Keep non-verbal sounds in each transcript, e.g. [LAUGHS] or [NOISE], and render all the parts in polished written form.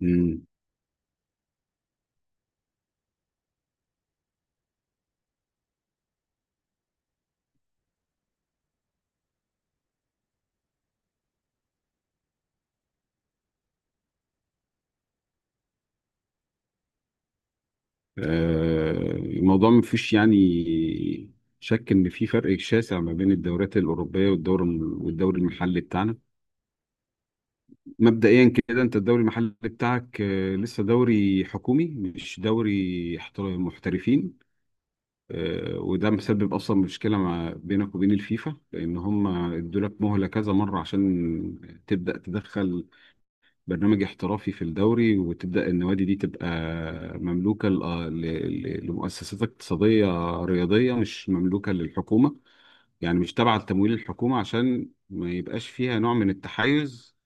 مم. الموضوع ما فيش شك ان في فرق شاسع ما بين الدوريات الاوروبيه والدوري المحلي بتاعنا. مبدئيا كده انت الدوري المحلي بتاعك لسه دوري حكومي مش دوري محترفين. وده مسبب اصلا مشكله ما بينك وبين الفيفا، لان هم ادوا لك مهله كذا مره عشان تبدا تدخل برنامج احترافي في الدوري، وتبدأ النوادي دي تبقى مملوكة لمؤسسات اقتصادية رياضية، مش مملوكة للحكومة، يعني مش تابعة لتمويل الحكومة عشان ما يبقاش فيها نوع من التحيز.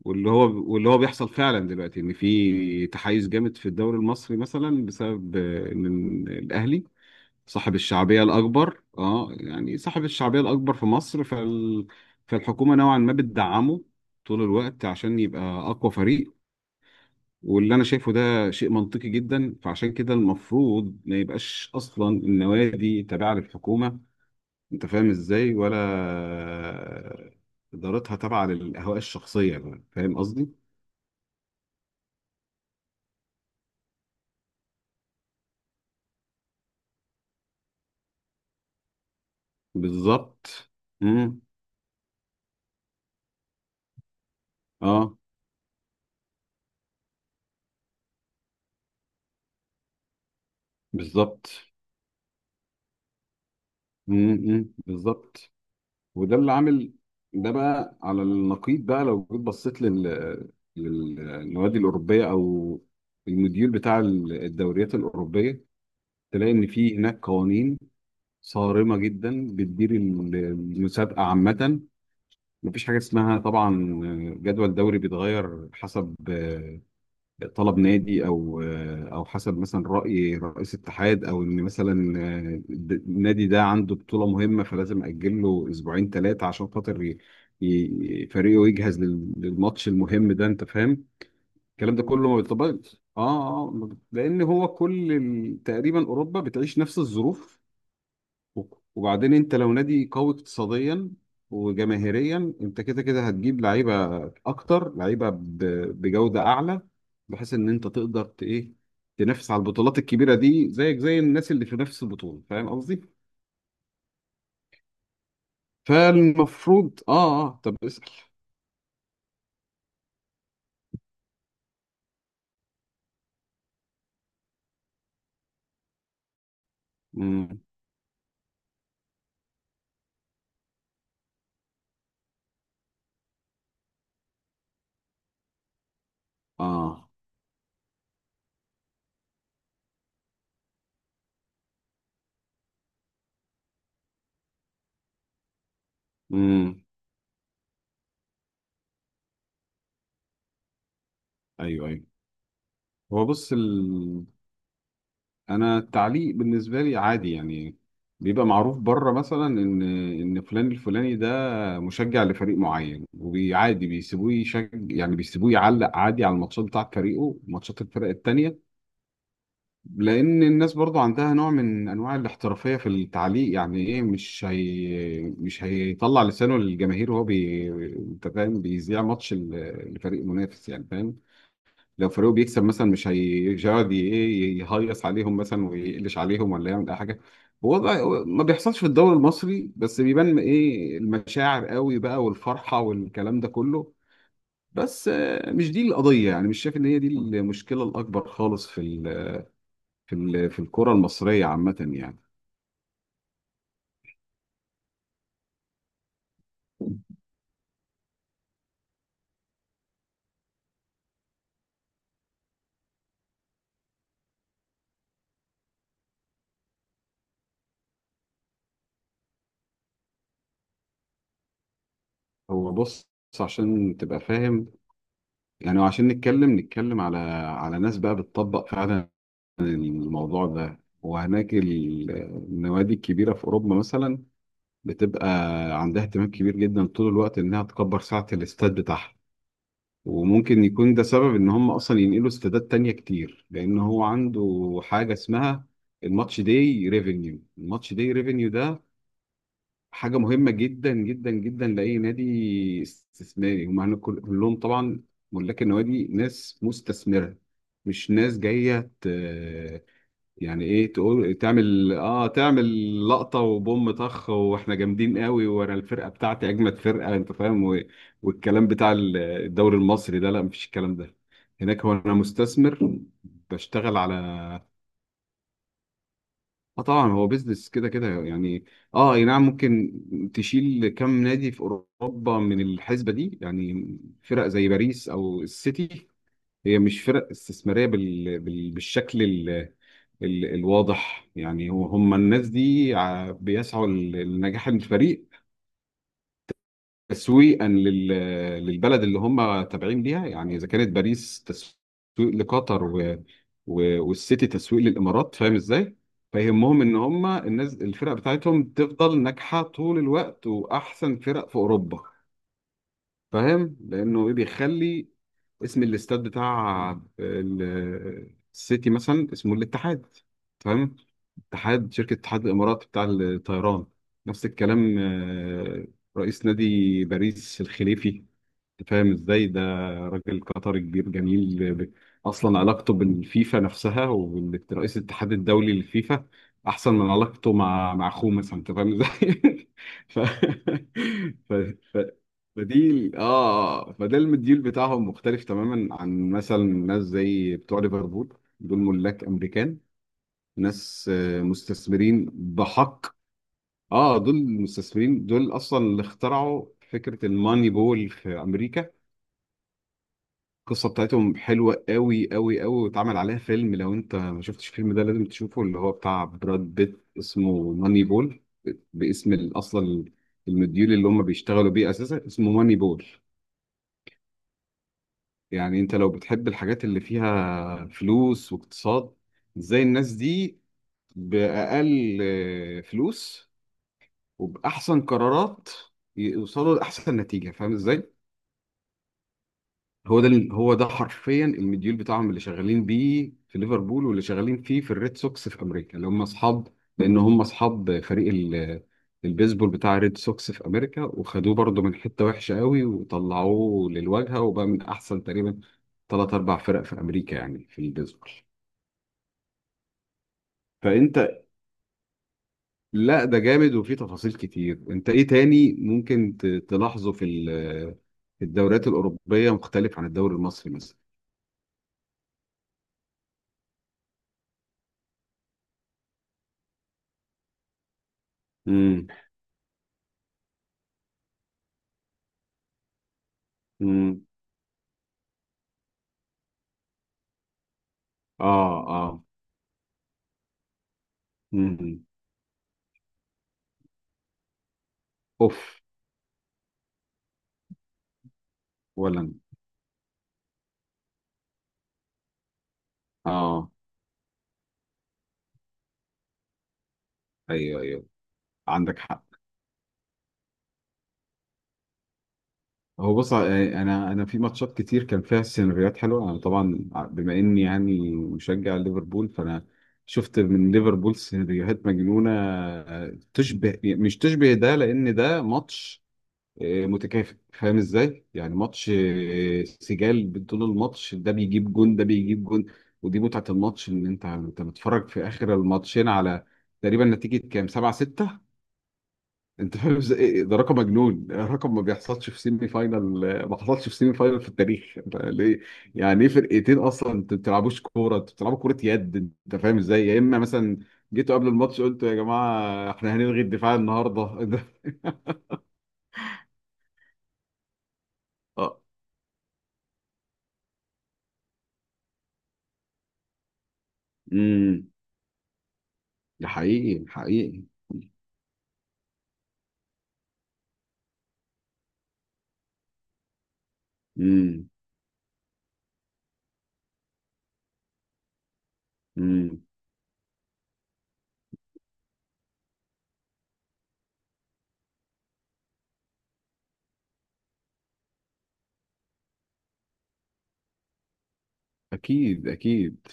واللي هو بيحصل فعلا دلوقتي ان في تحيز جامد في الدوري المصري مثلا بسبب ان الاهلي صاحب الشعبية الأكبر، صاحب الشعبية الأكبر في مصر، فالحكومة نوعا ما بتدعمه طول الوقت عشان يبقى أقوى فريق. واللي انا شايفه ده شيء منطقي جدا، فعشان كده المفروض ما يبقاش اصلا النوادي تابعه للحكومه، انت فاهم ازاي؟ ولا ادارتها تابعه للاهواء الشخصيه بقى. فاهم قصدي؟ بالظبط. امم اه بالظبط. بالظبط. وده اللي عامل، ده بقى على النقيض بقى لو جيت بصيت للنوادي الاوروبيه او المديول بتاع الدوريات الاوروبيه، تلاقي ان في هناك قوانين صارمة جدا بتدير المسابقة عامة. مفيش حاجة اسمها طبعا جدول دوري بيتغير حسب طلب نادي، أو حسب مثلا رأي رئيس اتحاد، أو إن مثلا النادي ده عنده بطولة مهمة فلازم أجل له أسبوعين ثلاثة عشان خاطر فريقه يجهز للماتش المهم ده، أنت فاهم؟ الكلام ده كله ما بيطبقش لأن هو كل تقريبا أوروبا بتعيش نفس الظروف. وبعدين انت لو نادي قوي اقتصاديا وجماهيريا، انت كده كده هتجيب لعيبه اكتر، لعيبه بجوده اعلى، بحيث ان انت تقدر ت- ايه تنافس على البطولات الكبيره دي زيك زي الناس اللي في نفس البطوله، فاهم قصدي؟ فالمفروض طب اسال. امم اه امم ايوه، ايوه. هو بص انا التعليق بالنسبه لي عادي يعني. بيبقى معروف بره مثلا ان فلان الفلاني ده مشجع لفريق معين، وعادي بيسيبوه يشج، يعني بيسيبوه يعلق عادي على الماتشات بتاعت فريقه، ماتشات الفرق التانية، لان الناس برضو عندها نوع من انواع الاحترافيه في التعليق. يعني ايه مش هي مش هيطلع لسانه للجماهير وهو بي، انت فاهم؟ بيذيع ماتش لفريق منافس، يعني فاهم، لو فريقه بيكسب مثلا مش هيقعد ي- ايه يهيص عليهم مثلا ويقلش عليهم ولا يعمل اي حاجه. هو ما بيحصلش في الدوري المصري، بس بيبان ايه المشاعر قوي بقى، والفرحه والكلام ده كله. بس مش دي القضيه، يعني مش شايف ان هي دي المشكله الاكبر خالص في ال في ال في الكره المصريه عامه يعني. هو بص، عشان تبقى فاهم، يعني عشان نتكلم على على ناس بقى بتطبق فعلا الموضوع ده. وهناك النوادي الكبيرة في أوروبا مثلا بتبقى عندها اهتمام كبير جدا طول الوقت إنها تكبر سعة الاستاد بتاعها. وممكن يكون ده سبب إن هم أصلا ينقلوا استادات تانية كتير، لأن هو عنده حاجة اسمها الماتش داي ريفينيو. الماتش داي ريفينيو ده حاجة مهمة جدا جدا جدا لأي نادي استثماري. هم هنا كلهم طبعا ملاك النوادي ناس مستثمرة، مش ناس جاية يعني ايه تقول تعمل تعمل لقطة وبوم طخ، واحنا جامدين قوي وانا الفرقة بتاعتي اجمد فرقة، انت فاهم؟ والكلام بتاع الدوري المصري ده، لا مفيش الكلام ده هناك. هو انا مستثمر بشتغل على اه طبعا هو بيزنس كده كده يعني. اه اي نعم، ممكن تشيل كم نادي في اوروبا من الحسبة دي، يعني فرق زي باريس او السيتي هي مش فرق استثمارية بالشكل الواضح يعني. هم الناس دي بيسعوا لنجاح الفريق تسويقا للبلد اللي هم تابعين ليها. يعني إذا كانت باريس تسويق لقطر والسيتي تسويق للإمارات، فاهم إزاي؟ فيهمهم إن هم الناس الفرق بتاعتهم تفضل ناجحة طول الوقت وأحسن فرق في أوروبا. فاهم؟ لانه ايه بيخلي اسم الاستاد بتاع السيتي مثلا اسمه الاتحاد، تمام؟ اتحاد شركه اتحاد الامارات بتاع الطيران. نفس الكلام رئيس نادي باريس الخليفي، فاهم ازاي ده؟ راجل قطري كبير جميل اصلا علاقته بالفيفا نفسها ورئيس الاتحاد الدولي للفيفا احسن من علاقته مع اخوه مثلا، انت فاهم ازاي؟ [LAUGHS] ف... ف... ف... فدي ال- اه آه، فده المديول بتاعهم مختلف تماما عن مثلا ناس زي بتوع ليفربول، دول ملاك امريكان، ناس مستثمرين بحق. اه دول مستثمرين، دول اصلا اللي اخترعوا فكره الماني بول في امريكا. القصة بتاعتهم حلوة قوي قوي قوي، واتعمل عليها فيلم. لو انت ما شفتش الفيلم ده لازم تشوفه، اللي هو بتاع براد بيت، اسمه ماني بول، باسم اصلا المديول اللي هم بيشتغلوا بيه اساسا اسمه ماني بول. يعني انت لو بتحب الحاجات اللي فيها فلوس واقتصاد، ازاي الناس دي بأقل فلوس وبأحسن قرارات يوصلوا لأحسن نتيجة، فاهم ازاي؟ هو ده حرفيا المديول بتاعهم، اللي شغالين بيه في ليفربول واللي شغالين فيه في الريد سوكس في امريكا، اللي هم اصحاب، لان هم اصحاب فريق البيسبول بتاع الريد سوكس في امريكا، وخدوه برضه من حته وحشه قوي وطلعوه للواجهه، وبقى من احسن تقريبا ثلاث اربع فرق في امريكا، يعني في البيسبول. فانت، لا ده جامد وفيه تفاصيل كتير. انت ايه تاني ممكن تلاحظه في في الدوريات الاوروبيه مختلف عن الدوري المصري مثلا؟ امم امم اه اه مم. اوف. ولا. اه ايوه، ايوه، عندك حق. هو بص، يعني انا في ماتشات كتير كان فيها سيناريوهات حلوه. انا طبعا بما اني يعني مشجع ليفربول، فانا شفت من ليفربول سيناريوهات مجنونه، تشبه مش تشبه ده، لان ده ماتش متكافئ، فاهم ازاي؟ يعني ماتش سجال طول الماتش، ده بيجيب جون ده بيجيب جون، ودي متعه الماتش. ان انت بتتفرج في اخر الماتشين على تقريبا نتيجه كام 7-6، انت فاهم ازاي؟ ايه ده رقم مجنون، رقم ما بيحصلش في سيمي فاينال، ما حصلش في سيمي فاينال في التاريخ. انت ليه يعني ايه فرقتين اصلا، انت ما بتلعبوش كوره، انت بتلعبوا كوره يد، انت فاهم ازاي؟ يا اما مثلا جيتوا قبل الماتش قلتوا يا جماعه احنا هنلغي الدفاع النهارده. [LAUGHS] ده اه امم ده حقيقي حقيقي. امم امم اكيد اكيد.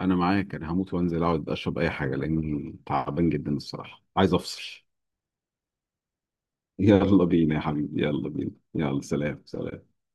انا معاك، انا هموت وانزل اقعد اشرب اي حاجه لاني تعبان جدا الصراحه، عايز افصل. [LAUGHS] يلا بينا يا حبيبي، يلا بينا، يلا سلام سلام.